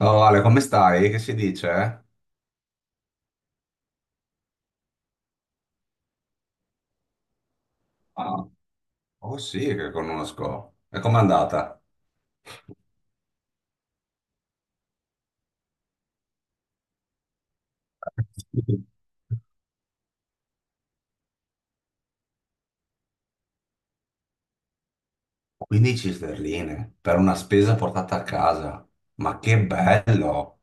Oh Ale, come stai? Che si dice? Ah, oh sì, che conosco. E com'è andata? 15 sterline per una spesa portata a casa. Ma che bello!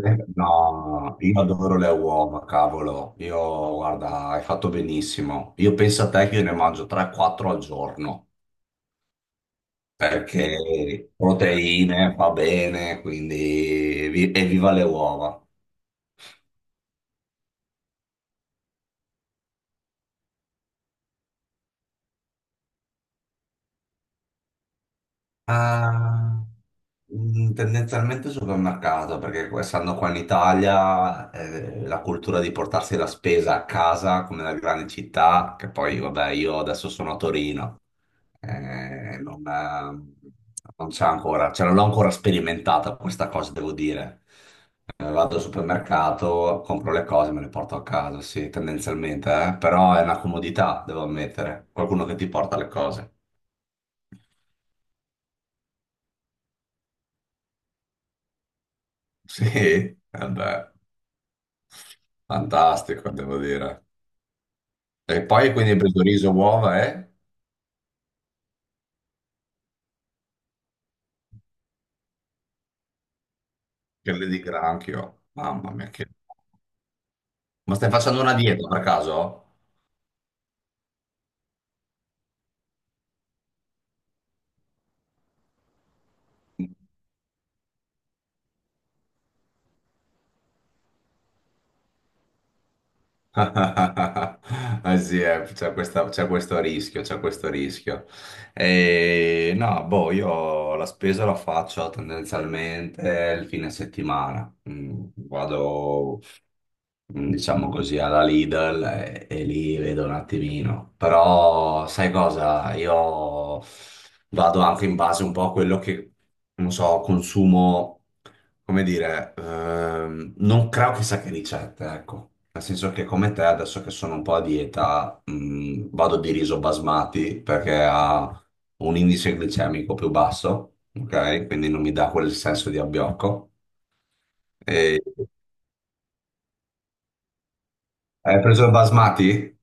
No, io adoro le uova, cavolo. Io, guarda, hai fatto benissimo. Io penso a te che io ne mangio 3-4 al giorno, perché proteine fa bene, quindi evviva le uova. Ah, tendenzialmente supermercato, perché essendo qua in Italia, la cultura di portarsi la spesa a casa, come nelle grandi città, che poi, vabbè, io adesso sono a Torino, non c'è ancora, cioè non l'ho ancora sperimentata questa cosa, devo dire. Vado al supermercato, compro le cose, me le porto a casa, sì, tendenzialmente, però è una comodità, devo ammettere. Qualcuno che ti porta le cose. Sì, vabbè. Fantastico, devo dire. E poi quindi hai preso riso, uova e quelle di granchio. Mamma mia, Ma stai facendo una dieta per caso? Eh sì, c'è questo rischio, c'è questo rischio. E, no, boh, io la spesa la faccio tendenzialmente il fine settimana. Vado, diciamo così, alla Lidl e lì vedo un attimino. Però sai cosa? Io vado anche in base un po' a quello che, non so, consumo, come dire, non creo chissà che ricette, ecco. Nel senso che come te, adesso che sono un po' a dieta, vado di riso basmati perché ha un indice glicemico più basso, ok? Quindi non mi dà quel senso di abbiocco. E... Hai preso il basmati?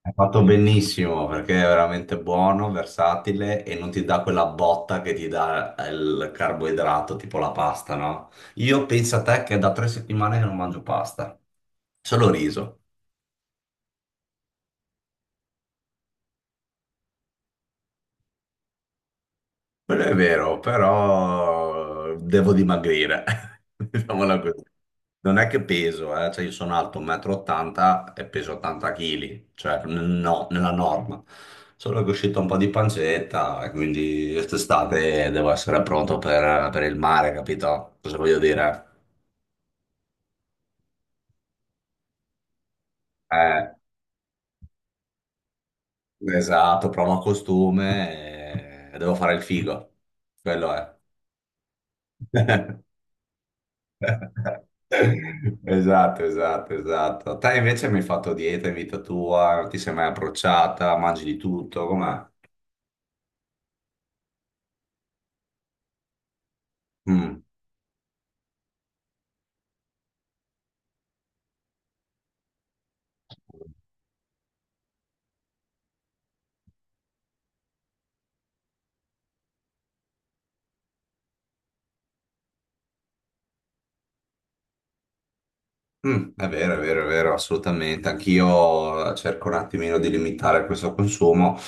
Hai fatto benissimo perché è veramente buono, versatile e non ti dà quella botta che ti dà il carboidrato, tipo la pasta, no? Io penso a te che è da 3 settimane che non mangio pasta, solo riso. Quello è vero, però devo dimagrire. Diciamola così. Non è che peso, cioè io sono alto 1,80 m e ottanta e peso 80 kg, cioè no, nella norma. Solo che è uscito un po' di pancetta e quindi quest'estate devo essere pronto per il mare, capito? Cosa voglio dire? Eh, esatto, provo costume e devo fare il figo. Quello è. Esatto, esatto, esatto. Te invece mi hai fatto dieta in vita tua, non ti sei mai approcciata, mangi di tutto, com'è? Mm. È vero, è vero, è vero, assolutamente. Anch'io cerco un attimino di limitare questo consumo.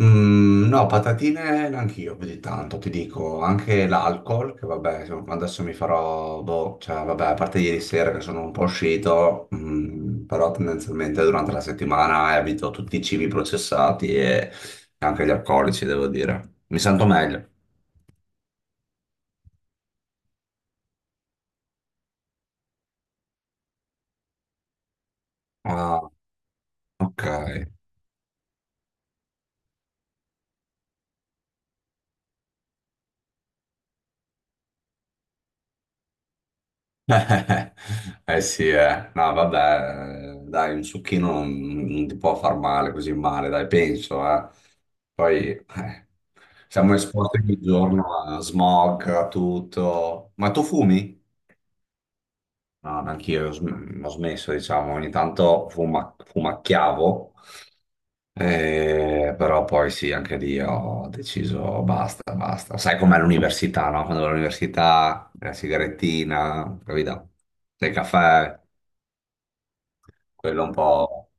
No, patatine neanch'io più di tanto, ti dico. Anche l'alcol, che vabbè, insomma, adesso mi farò, boh, cioè, vabbè, a parte ieri sera che sono un po' uscito, però tendenzialmente durante la settimana evito tutti i cibi processati e anche gli alcolici, devo dire. Mi sento meglio. Ah, ok. Eh eh, sì, eh. No, vabbè, dai, un succhino non ti può far male così male, dai, penso, eh. Poi siamo esposti ogni giorno a smog, a tutto. Ma tu fumi? No, ma anch'io ho ho smesso, diciamo, ogni tanto fumacchiavo, però poi sì, anche lì ho deciso basta, basta. Sai com'è l'università, no? Quando vai all'università, la sigarettina, capito? Il caffè, quello un po'...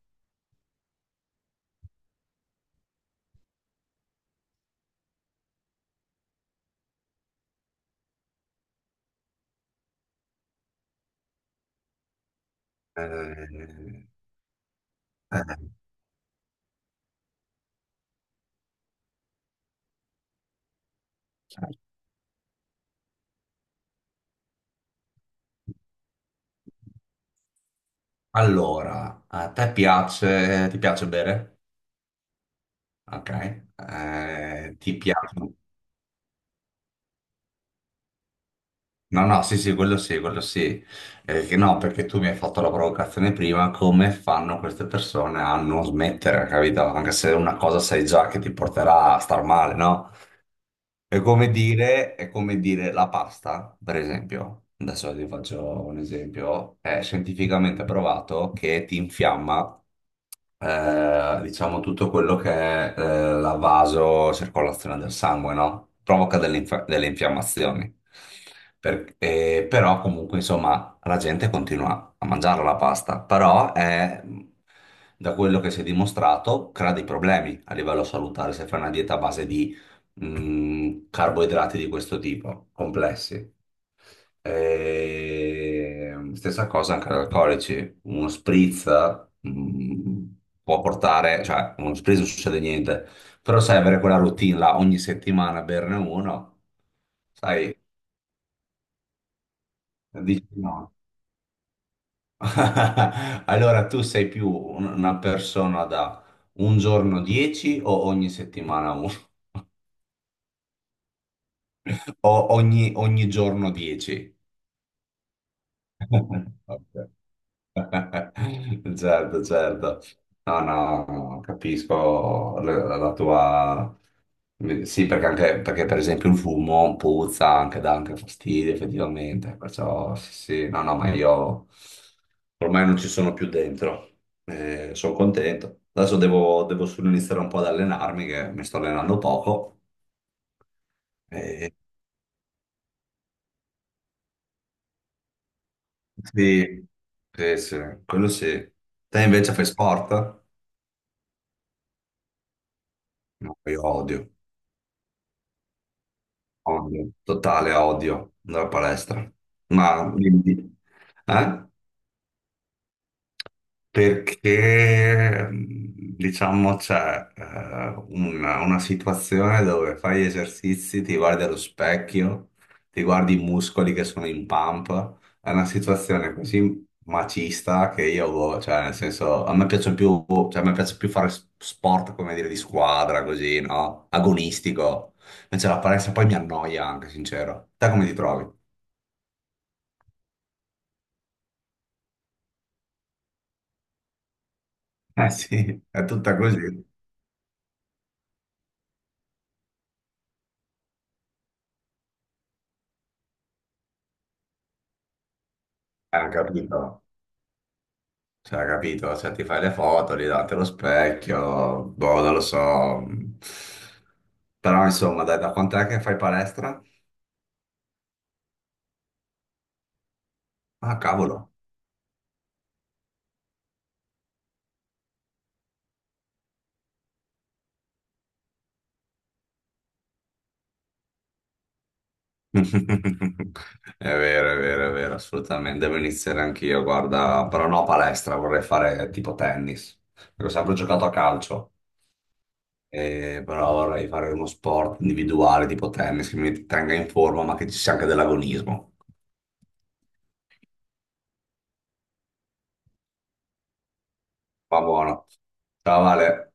eh, eh. Allora, a te piace, ti piace bere? Ok. Ti piace? No, no, sì, sì, quello sì, quello sì. Che no, perché tu mi hai fatto la provocazione prima, come fanno queste persone a non smettere, capito? Anche se una cosa sai già che ti porterà a star male, no? È come dire, la pasta, per esempio. Adesso ti faccio un esempio. È scientificamente provato che ti infiamma diciamo tutto quello che è la vasocircolazione del sangue, no? Provoca delle infiammazioni. Però comunque, insomma, la gente continua a mangiare la pasta, però è, da quello che si è dimostrato, crea dei problemi a livello salutare se fai una dieta a base di carboidrati di questo tipo, complessi. E stessa cosa anche agli alcolici, uno spritz mh, può portare, cioè uno spritz non succede niente, però sai avere quella routine là ogni settimana berne uno, sai, dici no. Allora tu sei più una persona da un giorno 10 o ogni settimana uno? O ogni giorno 10? Ok. Certo, certo. No, no, capisco la tua... Sì, perché, anche, perché per esempio il fumo puzza, anche dà anche fastidio effettivamente, perciò sì, sì, no, no, ma io ormai non ci sono più dentro. Sono contento. Adesso devo solo iniziare un po' ad allenarmi, che mi sto allenando poco. Eh, sì, sì, sì, quello sì. Te invece fai sport? No, io odio, odio, totale odio andare a palestra. Ma dimmi, eh? Perché diciamo c'è una situazione dove fai gli esercizi, ti guardi allo specchio, ti guardi i muscoli che sono in pump, è una situazione così macista che io, boh, cioè nel senso, a me piace più, cioè, a me piace più fare sport, come dire, di squadra, così, no? Agonistico. Invece la palestra poi mi annoia anche, sincero. Te come ti trovi? Eh sì, è tutta così. Capito. Cioè, capito? Cioè, ti fai le foto, lì davanti allo specchio, boh, non lo so. Però, insomma, dai, da quant'è che fai palestra? Ah, cavolo. È vero, è vero, è vero, assolutamente. Devo iniziare anch'io, guarda. Però no palestra, vorrei fare tipo tennis. Perché ho sempre giocato a calcio, però vorrei fare uno sport individuale tipo tennis che mi tenga in forma, ma che ci sia anche dell'agonismo. Va buono. Ciao, Vale.